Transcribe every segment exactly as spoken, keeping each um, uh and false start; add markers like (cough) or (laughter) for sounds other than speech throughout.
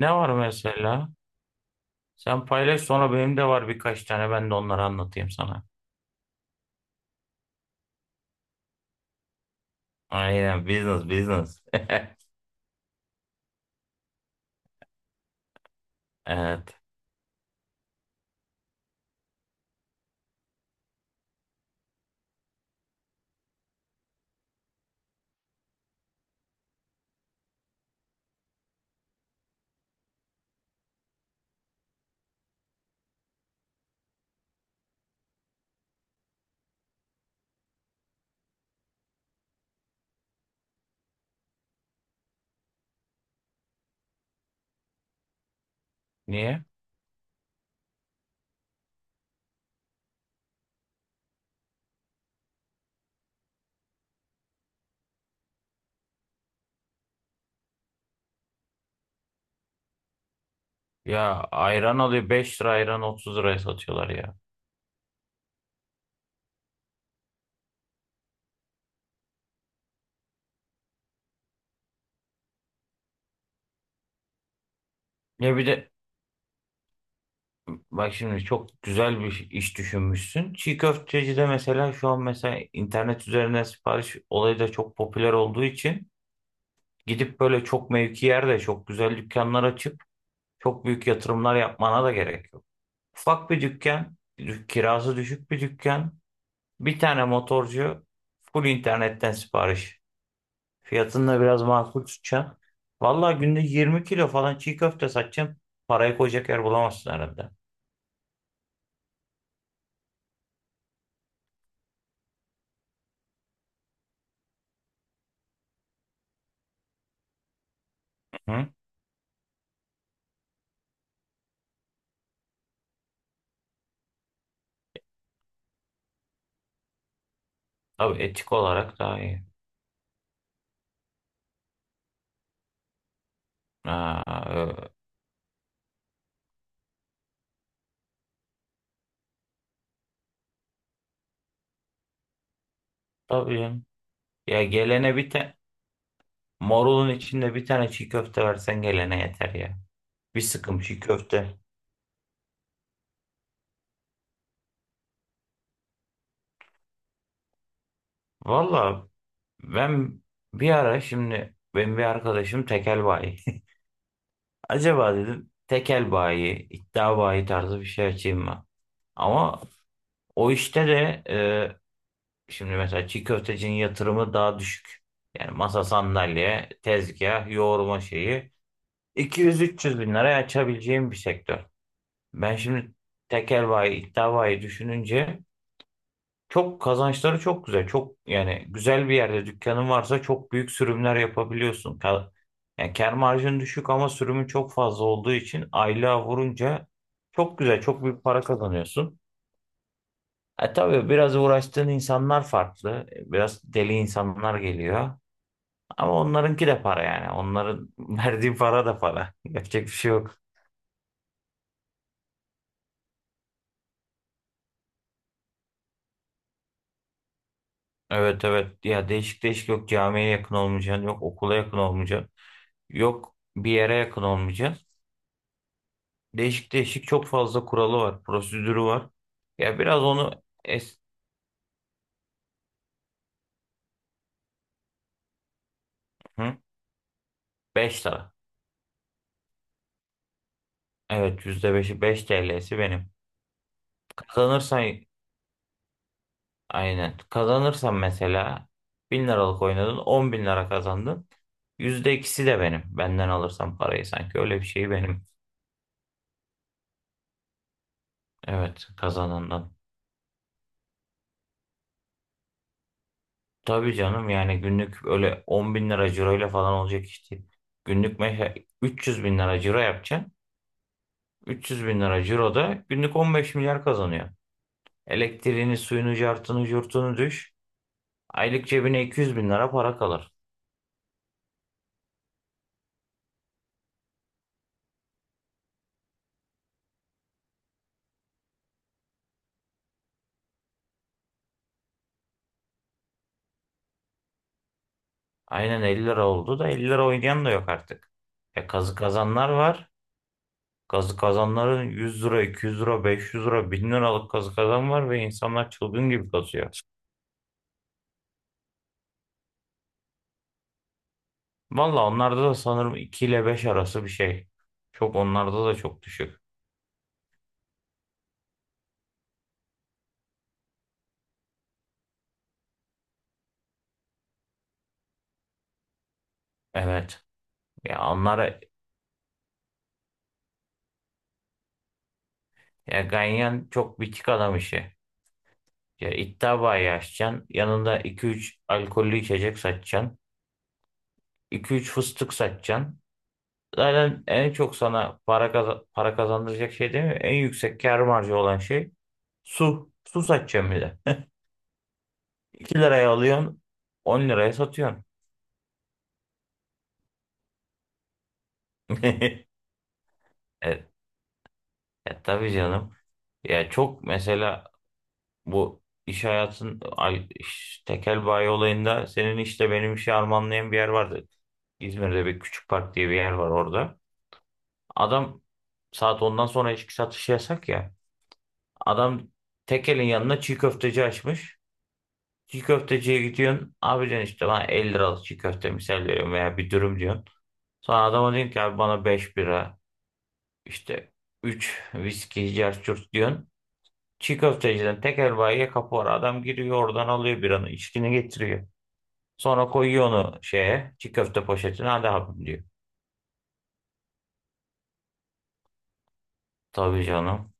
Ne var mesela? Sen paylaş, sonra benim de var birkaç tane, ben de onları anlatayım sana. Aynen, business business. (laughs) Evet. Niye? Ya ayran alıyor beş lira, ayran otuz liraya satıyorlar ya. Ya bir de bak, şimdi çok güzel bir iş düşünmüşsün. Çiğ köfteci de mesela, şu an mesela internet üzerinden sipariş olayı da çok popüler olduğu için gidip böyle çok mevki yerde çok güzel dükkanlar açıp çok büyük yatırımlar yapmana da gerek yok. Ufak bir dükkan, dük- kirası düşük bir dükkan, bir tane motorcu, full internetten sipariş. Fiyatını da biraz makul tutacağım. Vallahi günde yirmi kilo falan çiğ köfte satacağım. Parayı koyacak yer bulamazsın herhalde. Hı? Tabii, etik olarak daha iyi. Aa, ö- tabii canım. Ya, gelene bir tane marulun içinde bir tane çiğ köfte versen, gelene yeter ya. Bir sıkım çiğ köfte. Valla ben bir ara, şimdi benim bir arkadaşım tekel bayi. Acaba dedim tekel bayi, iddia bayi tarzı bir şey açayım mı? Ama o işte de e, şimdi mesela çiğ köftecinin yatırımı daha düşük. Yani masa sandalye, tezgah, yoğurma şeyi iki yüz üç yüz bin bin liraya açabileceğim bir sektör. Ben şimdi tekel bayi, iddia bayi düşününce çok kazançları çok güzel. Çok yani güzel bir yerde dükkanın varsa çok büyük sürümler yapabiliyorsun. Ka- Yani kâr marjın düşük ama sürümün çok fazla olduğu için aylığa vurunca çok güzel, çok büyük para kazanıyorsun. E tabii biraz uğraştığın insanlar farklı. E, biraz deli insanlar geliyor. Ama onlarınki de para yani. Onların (laughs) verdiği para da para. Yapacak bir şey yok. Evet, evet. Ya değişik değişik yok, camiye yakın olmayacaksın, yok okula yakın olmayacaksın, yok bir yere yakın olmayacaksın. Değişik değişik çok fazla kuralı var, prosedürü var. Ya biraz onu es hı? beş lira. Evet, yüzde beşi, beş T L'si benim. Kazanırsan, aynen. Kazanırsan mesela bin liralık oynadın, on bin lira kazandın. Yüzde ikisi de benim. Benden alırsan parayı, sanki öyle bir şey benim. Evet, kazanandan. Tabii canım, yani günlük öyle on bin lira ciroyla falan olacak işte. Günlük mesela üç yüz bin lira ciro yapacaksın. üç yüz bin lira ciroda günlük on beş milyar kazanıyor. Elektriğini, suyunu, cartını, curtunu düş. Aylık cebine iki yüz bin lira para kalır. Aynen elli lira oldu da elli lira oynayan da yok artık. E, kazı kazanlar var. Kazı kazanların yüz lira, iki yüz lira, beş yüz lira, bin liralık kazı kazan var ve insanlar çılgın gibi kazıyor. Valla onlarda da sanırım iki ile beş arası bir şey. Çok, onlarda da çok düşük. Evet. Ya onlara ya, ganyan çok bitik adam işi. Ya iddia bayi açacaksın, yanında iki üç alkollü içecek satacaksın. iki üç fıstık satacaksın. Zaten en çok sana para, kaza- para kazandıracak şey değil mi? En yüksek kâr marjı olan şey su. Su satacaksın bir de. (laughs) iki liraya alıyorsun, on liraya satıyorsun. (laughs) Evet, e, tabii canım. Ya çok mesela bu iş hayatın ay, iş- tekel bayi olayında, senin işte benim işi armağanlayan bir yer vardı. İzmir'de bir küçük park diye bir yer var orada. Adam, saat ondan sonra içki satışı yasak ya. Adam tekelin yanına çiğ köfteci açmış. Çiğ köfteciye gidiyorsun. Abi diyorsun, işte bana elli liralık çiğ köfte misal veriyorum, veya bir dürüm diyorsun. Sonra adama diyorsun ki, abi bana beş bira, işte üç viski cerçurt diyorsun. Çiğ köfteciden tekel bayiye kapı var. Adam giriyor, oradan alıyor, biranı içkini getiriyor. Sonra koyuyor onu şeye, çiğ köfte poşetine, hadi abim diyor. Tabii canım.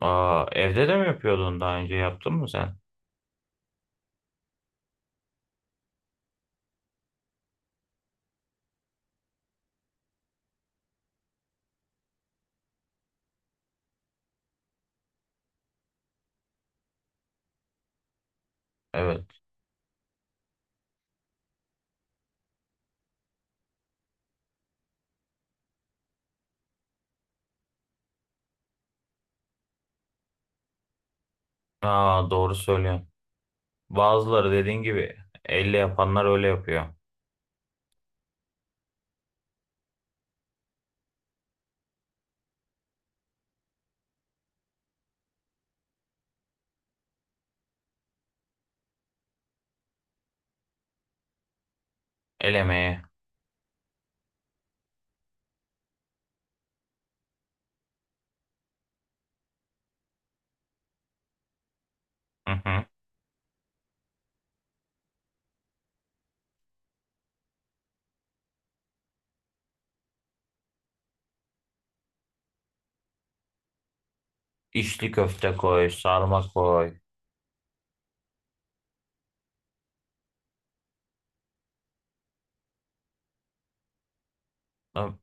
Aa, evde de mi yapıyordun, daha önce yaptın mı sen? Evet. Aa, doğru söylüyorsun. Bazıları, dediğin gibi elle yapanlar öyle yapıyor. El emeği. Hı hı. İçli köfte koy, sarma koy. Lan.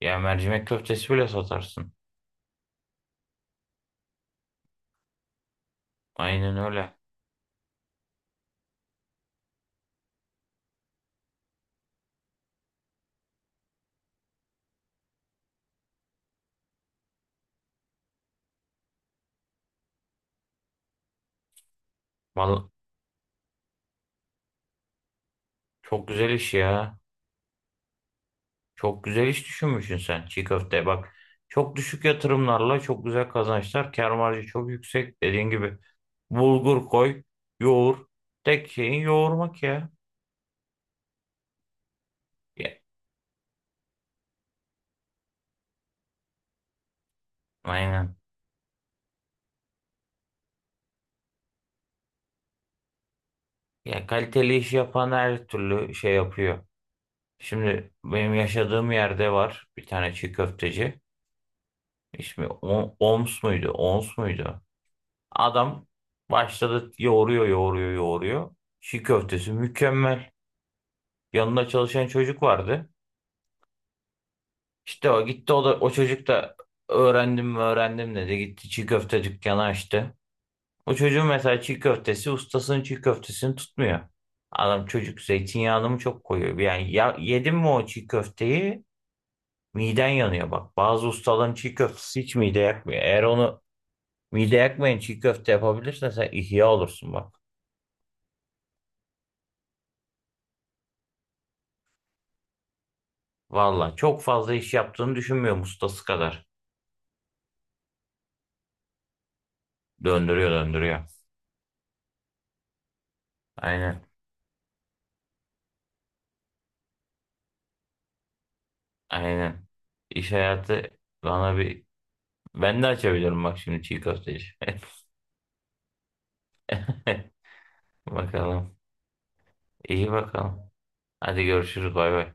Ya mercimek köftesi bile satarsın. Aynen öyle. Vallahi çok güzel iş ya. Çok güzel iş düşünmüşsün sen, çiğ köfte. Bak, çok düşük yatırımlarla çok güzel kazançlar. Kâr marjı çok yüksek. Dediğin gibi bulgur koy, yoğur. Tek şeyin yoğurmak ya. Ya, aynen. Ya kaliteli iş yapan her türlü şey yapıyor. Şimdi benim yaşadığım yerde var bir tane çiğ köfteci. İsmi O- Oms muydu, Ons muydu? Adam başladı, yoğuruyor, yoğuruyor, yoğuruyor. Çiğ köftesi mükemmel. Yanında çalışan çocuk vardı. İşte o gitti, o da, o çocuk da öğrendim mi öğrendim dedi, gitti çiğ köfte dükkanı açtı. O çocuğun mesela çiğ köftesi, ustasının çiğ köftesini tutmuyor. Adam, çocuk zeytinyağını mı çok koyuyor yani? Ya, yedim mi o çiğ köfteyi miden yanıyor bak. Bazı ustaların çiğ köftesi hiç mide yakmıyor. Eğer onu mide yakmayan çiğ köfte yapabilirsen, sen ihya olursun bak. Valla çok fazla iş yaptığını düşünmüyorum, ustası kadar. Döndürüyor, döndürüyor. Aynen, aynen. İş hayatı bana bir... Ben de açabilirim bak, şimdi çiğ köfteci. (laughs) Bakalım. İyi bakalım. Hadi görüşürüz, bay bay.